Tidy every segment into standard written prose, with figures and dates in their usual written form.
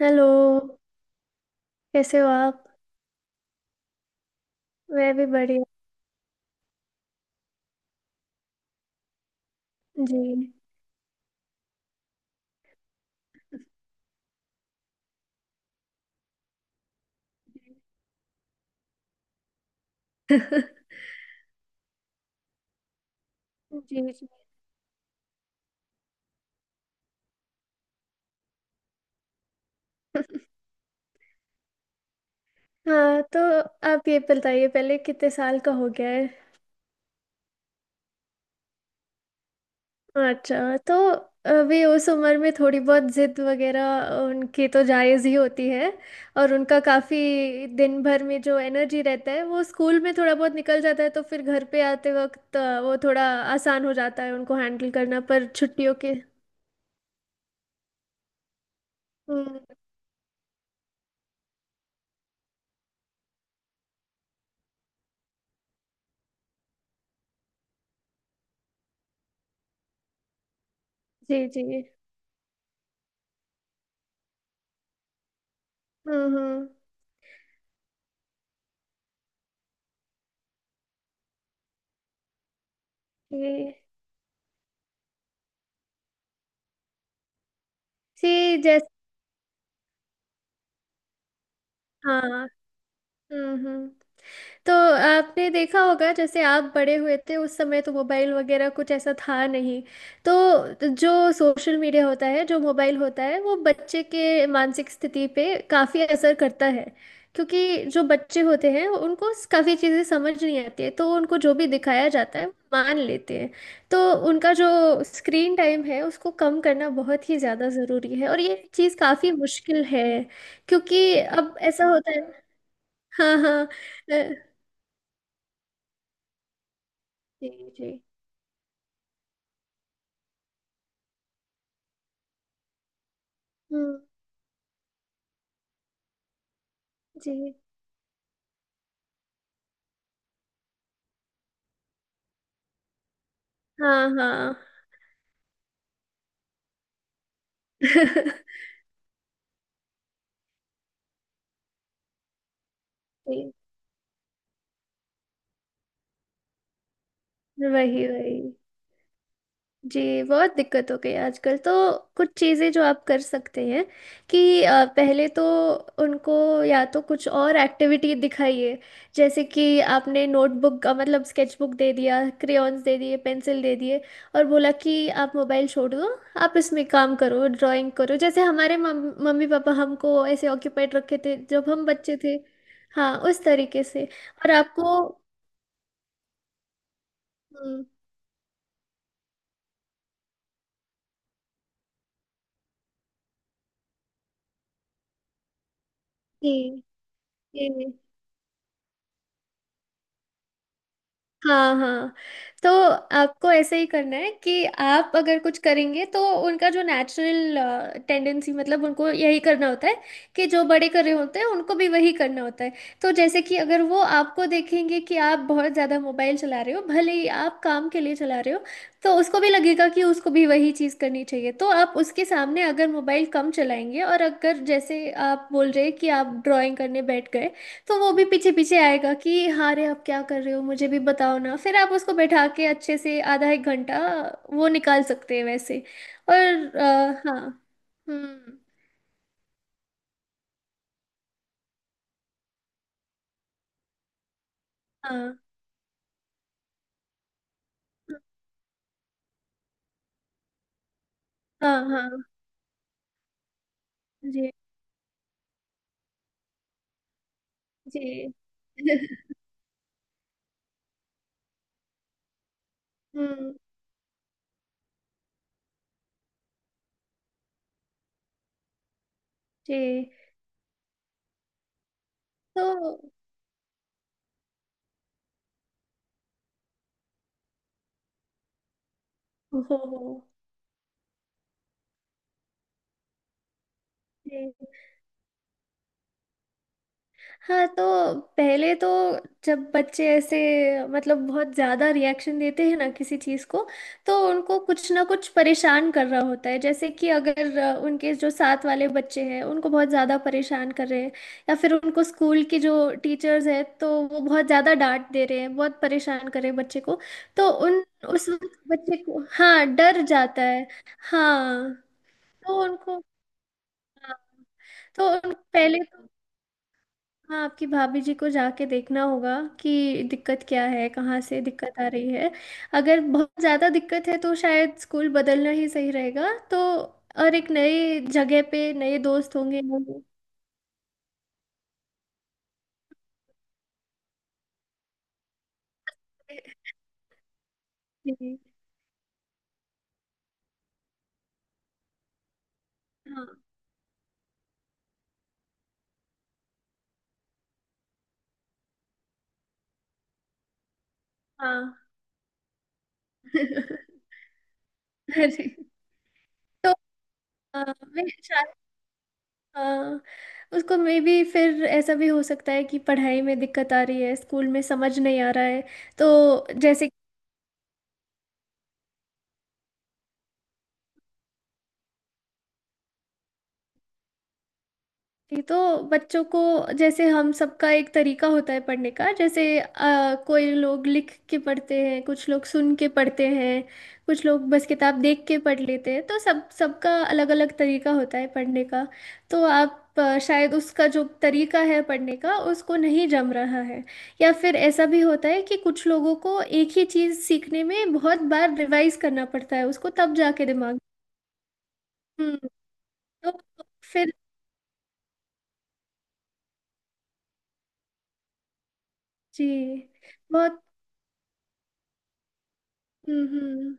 Hello. कैसे हो आप? मैं भी बढ़िया। जी जी। जी। हाँ तो आप ये बताइए पहले कितने साल का हो गया है? अच्छा तो अभी उस उम्र में थोड़ी बहुत जिद वगैरह उनकी तो जायज़ ही होती है, और उनका काफ़ी दिन भर में जो एनर्जी रहता है वो स्कूल में थोड़ा बहुत निकल जाता है तो फिर घर पे आते वक्त वो थोड़ा आसान हो जाता है उनको हैंडल करना, पर छुट्टियों के। हम्म, जी जी। हम्म। जी जी, हाँ। हम्म। तो आपने देखा होगा जैसे आप बड़े हुए थे उस समय तो मोबाइल वगैरह कुछ ऐसा था नहीं। तो जो सोशल मीडिया होता है जो मोबाइल होता है वो बच्चे के मानसिक स्थिति पे काफ़ी असर करता है। क्योंकि जो बच्चे होते हैं उनको काफ़ी चीज़ें समझ नहीं आती है, तो उनको जो भी दिखाया जाता है वो मान लेते हैं। तो उनका जो स्क्रीन टाइम है उसको कम करना बहुत ही ज़्यादा ज़रूरी है, और ये चीज़ काफ़ी मुश्किल है। क्योंकि अब ऐसा होता है। हाँ हाँ जी जी। हम्म। जी। हाँ हाँ। जी। वही वही। जी बहुत दिक्कत हो गई आजकल तो। कुछ चीज़ें जो आप कर सकते हैं कि पहले तो उनको या तो कुछ और एक्टिविटी दिखाइए। जैसे कि आपने नोटबुक मतलब स्केचबुक दे दिया, क्रेयॉन्स दे दिए, पेंसिल दे दिए, और बोला कि आप मोबाइल छोड़ दो, आप इसमें काम करो, ड्राइंग करो, जैसे हमारे मम्मी पापा हमको ऐसे ऑक्यूपाइड रखे थे जब हम बच्चे थे। हाँ उस तरीके से, और आपको। हम्म, जी जी। हाँ हाँ। तो आपको ऐसे ही करना है कि आप अगर कुछ करेंगे तो उनका जो नेचुरल टेंडेंसी मतलब उनको यही करना होता है कि जो बड़े कर रहे होते हैं उनको भी वही करना होता है। तो जैसे कि अगर वो आपको देखेंगे कि आप बहुत ज़्यादा मोबाइल चला रहे हो, भले ही आप काम के लिए चला रहे हो, तो उसको भी लगेगा कि उसको भी वही चीज़ करनी चाहिए। तो आप उसके सामने अगर मोबाइल कम चलाएंगे, और अगर जैसे आप बोल रहे हैं कि आप ड्राइंग करने बैठ गए तो वो भी पीछे पीछे आएगा कि हाँ रे आप क्या कर रहे हो मुझे भी बताओ ना। फिर आप उसको बैठा के अच्छे से आधा एक घंटा वो निकाल सकते हैं वैसे। और हाँ। हम्म। हाँ हाँ हाँ। जी जी। हम्म। जी। तो। हो हो। जी। हाँ तो पहले तो, जब बच्चे ऐसे मतलब बहुत ज्यादा रिएक्शन देते हैं ना किसी चीज को, तो उनको कुछ ना कुछ परेशान कर रहा होता है। जैसे कि अगर उनके जो साथ वाले बच्चे हैं उनको बहुत ज्यादा परेशान कर रहे हैं, या फिर उनको स्कूल के जो टीचर्स हैं तो वो बहुत ज्यादा डांट दे रहे हैं बहुत परेशान कर रहे हैं बच्चे को। तो उन उस वक्त बच्चे को हाँ डर जाता है। हाँ। तो उनको हाँ, पहले तो, हाँ आपकी भाभी जी को जाके देखना होगा कि दिक्कत क्या है कहाँ से दिक्कत आ रही है। अगर बहुत ज़्यादा दिक्कत है तो शायद स्कूल बदलना ही सही रहेगा, तो और एक नई जगह पे नए दोस्त होंगे। जी, हाँ हाँ। अरे। तो आ, मैं शायद हाँ, उसको मे भी, फिर ऐसा भी हो सकता है कि पढ़ाई में दिक्कत आ रही है स्कूल में समझ नहीं आ रहा है। तो जैसे जी, तो बच्चों को जैसे हम सबका एक तरीका होता है पढ़ने का। जैसे कोई लोग लिख के पढ़ते हैं, कुछ लोग सुन के पढ़ते हैं, कुछ लोग बस किताब देख के पढ़ लेते हैं, तो सब सबका अलग अलग तरीका होता है पढ़ने का। तो आप शायद उसका जो तरीका है पढ़ने का उसको नहीं जम रहा है। या फिर ऐसा भी होता है कि कुछ लोगों को एक ही चीज़ सीखने में बहुत बार रिवाइज करना पड़ता है, उसको तब जाके दिमाग। हम्म। तो फिर। जी। बहुत। हम्म हम्म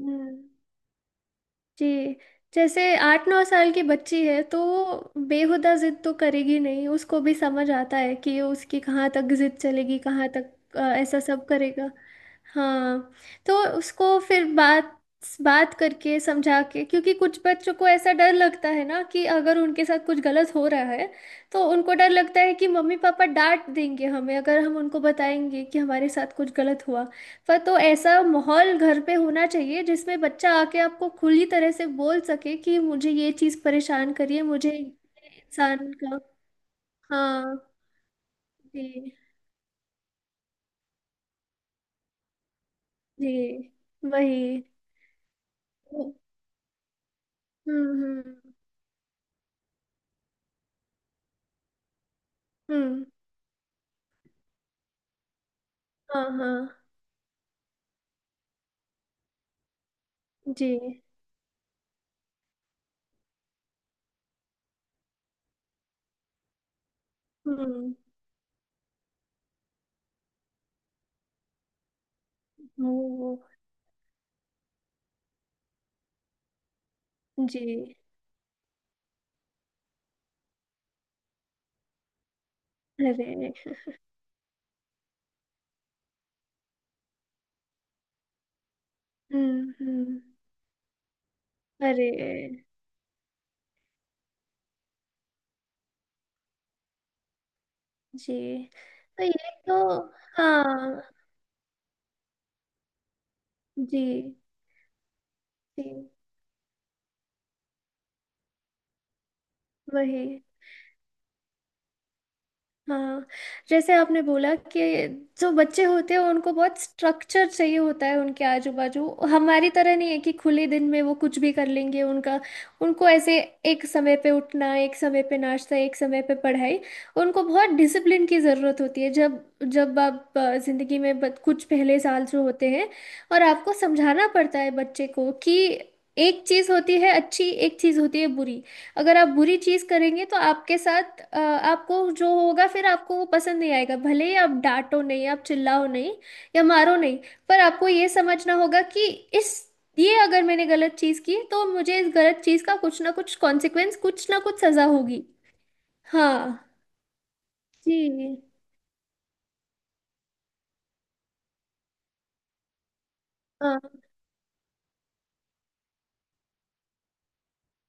हम्म, जी। जैसे 8-9 साल की बच्ची है तो वो बेहुदा जिद तो करेगी नहीं, उसको भी समझ आता है कि उसकी कहाँ तक जिद चलेगी कहाँ तक ऐसा सब करेगा। हाँ तो उसको फिर बात बात करके समझा के, क्योंकि कुछ बच्चों को ऐसा डर लगता है ना कि अगर उनके साथ कुछ गलत हो रहा है तो उनको डर लगता है कि मम्मी पापा डांट देंगे हमें अगर हम उनको बताएंगे कि हमारे साथ कुछ गलत हुआ। पर तो ऐसा माहौल घर पे होना चाहिए जिसमें बच्चा आके आपको खुली तरह से बोल सके कि मुझे ये चीज परेशान करिए मुझे इंसान का। हाँ। जी जी। वही। हम्म। हम्म हम्म। हाँ हाँ। जी। हम्म। वो। जी। अरे। हम्म। अरे। जी। तो ये तो। हाँ जी जी। वही। हाँ जैसे आपने बोला कि जो बच्चे होते हैं उनको बहुत स्ट्रक्चर चाहिए होता है उनके आजू बाजू। हमारी तरह नहीं है कि खुले दिन में वो कुछ भी कर लेंगे उनका। उनको ऐसे एक समय पे उठना, एक समय पे नाश्ता, एक समय पे पढ़ाई, उनको बहुत डिसिप्लिन की ज़रूरत होती है जब जब आप ज़िंदगी में कुछ पहले साल जो होते हैं। और आपको समझाना पड़ता है बच्चे को कि एक चीज़ होती है अच्छी, एक चीज़ होती है बुरी। अगर आप बुरी चीज करेंगे तो आपके साथ आपको जो होगा फिर आपको वो पसंद नहीं आएगा, भले ही आप डांटो नहीं, आप चिल्लाओ नहीं, या मारो नहीं। पर आपको ये समझना होगा कि इस ये, अगर मैंने गलत चीज की तो मुझे इस गलत चीज का कुछ ना कुछ कॉन्सिक्वेंस, कुछ ना कुछ सजा होगी। हाँ। जी। हाँ।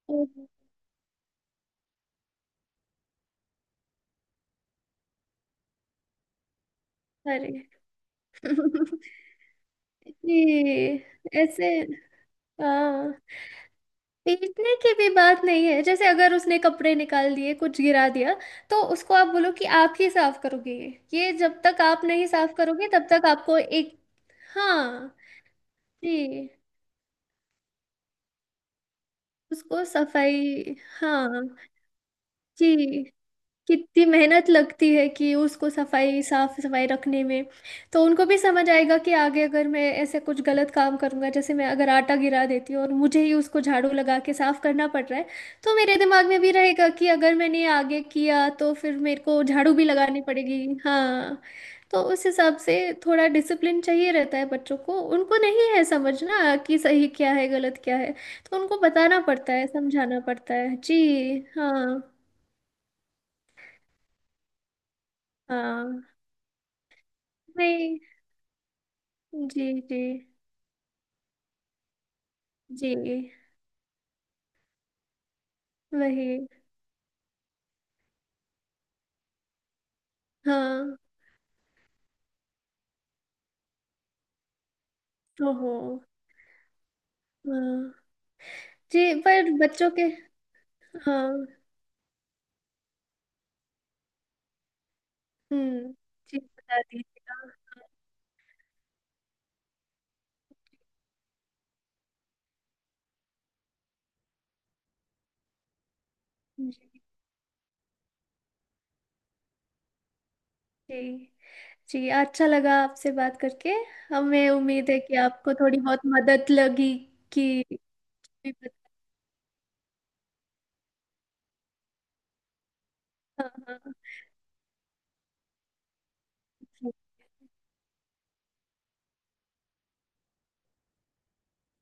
ओह, अरे। जी। ऐसे। हाँ। पीटने की भी बात नहीं है। जैसे अगर उसने कपड़े निकाल दिए, कुछ गिरा दिया, तो उसको आप बोलो कि आप ही साफ करोगे। ये जब तक आप नहीं साफ करोगे तब तक आपको एक। हाँ। जी। उसको सफाई। हाँ। जी। कितनी मेहनत लगती है कि उसको सफाई साफ सफाई रखने में। तो उनको भी समझ आएगा कि आगे अगर मैं ऐसे कुछ गलत काम करूंगा, जैसे मैं अगर आटा गिरा देती हूँ और मुझे ही उसको झाड़ू लगा के साफ करना पड़ रहा है, तो मेरे दिमाग में भी रहेगा कि अगर मैंने ये आगे किया तो फिर मेरे को झाड़ू भी लगानी पड़ेगी। हाँ तो उस हिसाब से थोड़ा डिसिप्लिन चाहिए रहता है बच्चों को। उनको नहीं है समझना कि सही क्या है गलत क्या है, तो उनको बताना पड़ता है समझाना पड़ता है जी। हाँ हाँ। नहीं। जी जी। जी। वही। हाँ। ओहो। हाँ। जी पर बच्चों के। हाँ। हम्म। जी बता दीजिएगा। जी। जी जी अच्छा लगा आपसे बात करके। हमें उम्मीद है कि आपको थोड़ी बहुत मदद लगी कि। हाँ हाँ। जी,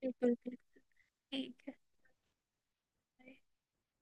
बिल्कुल बिल्कुल। ठीक है। बाय।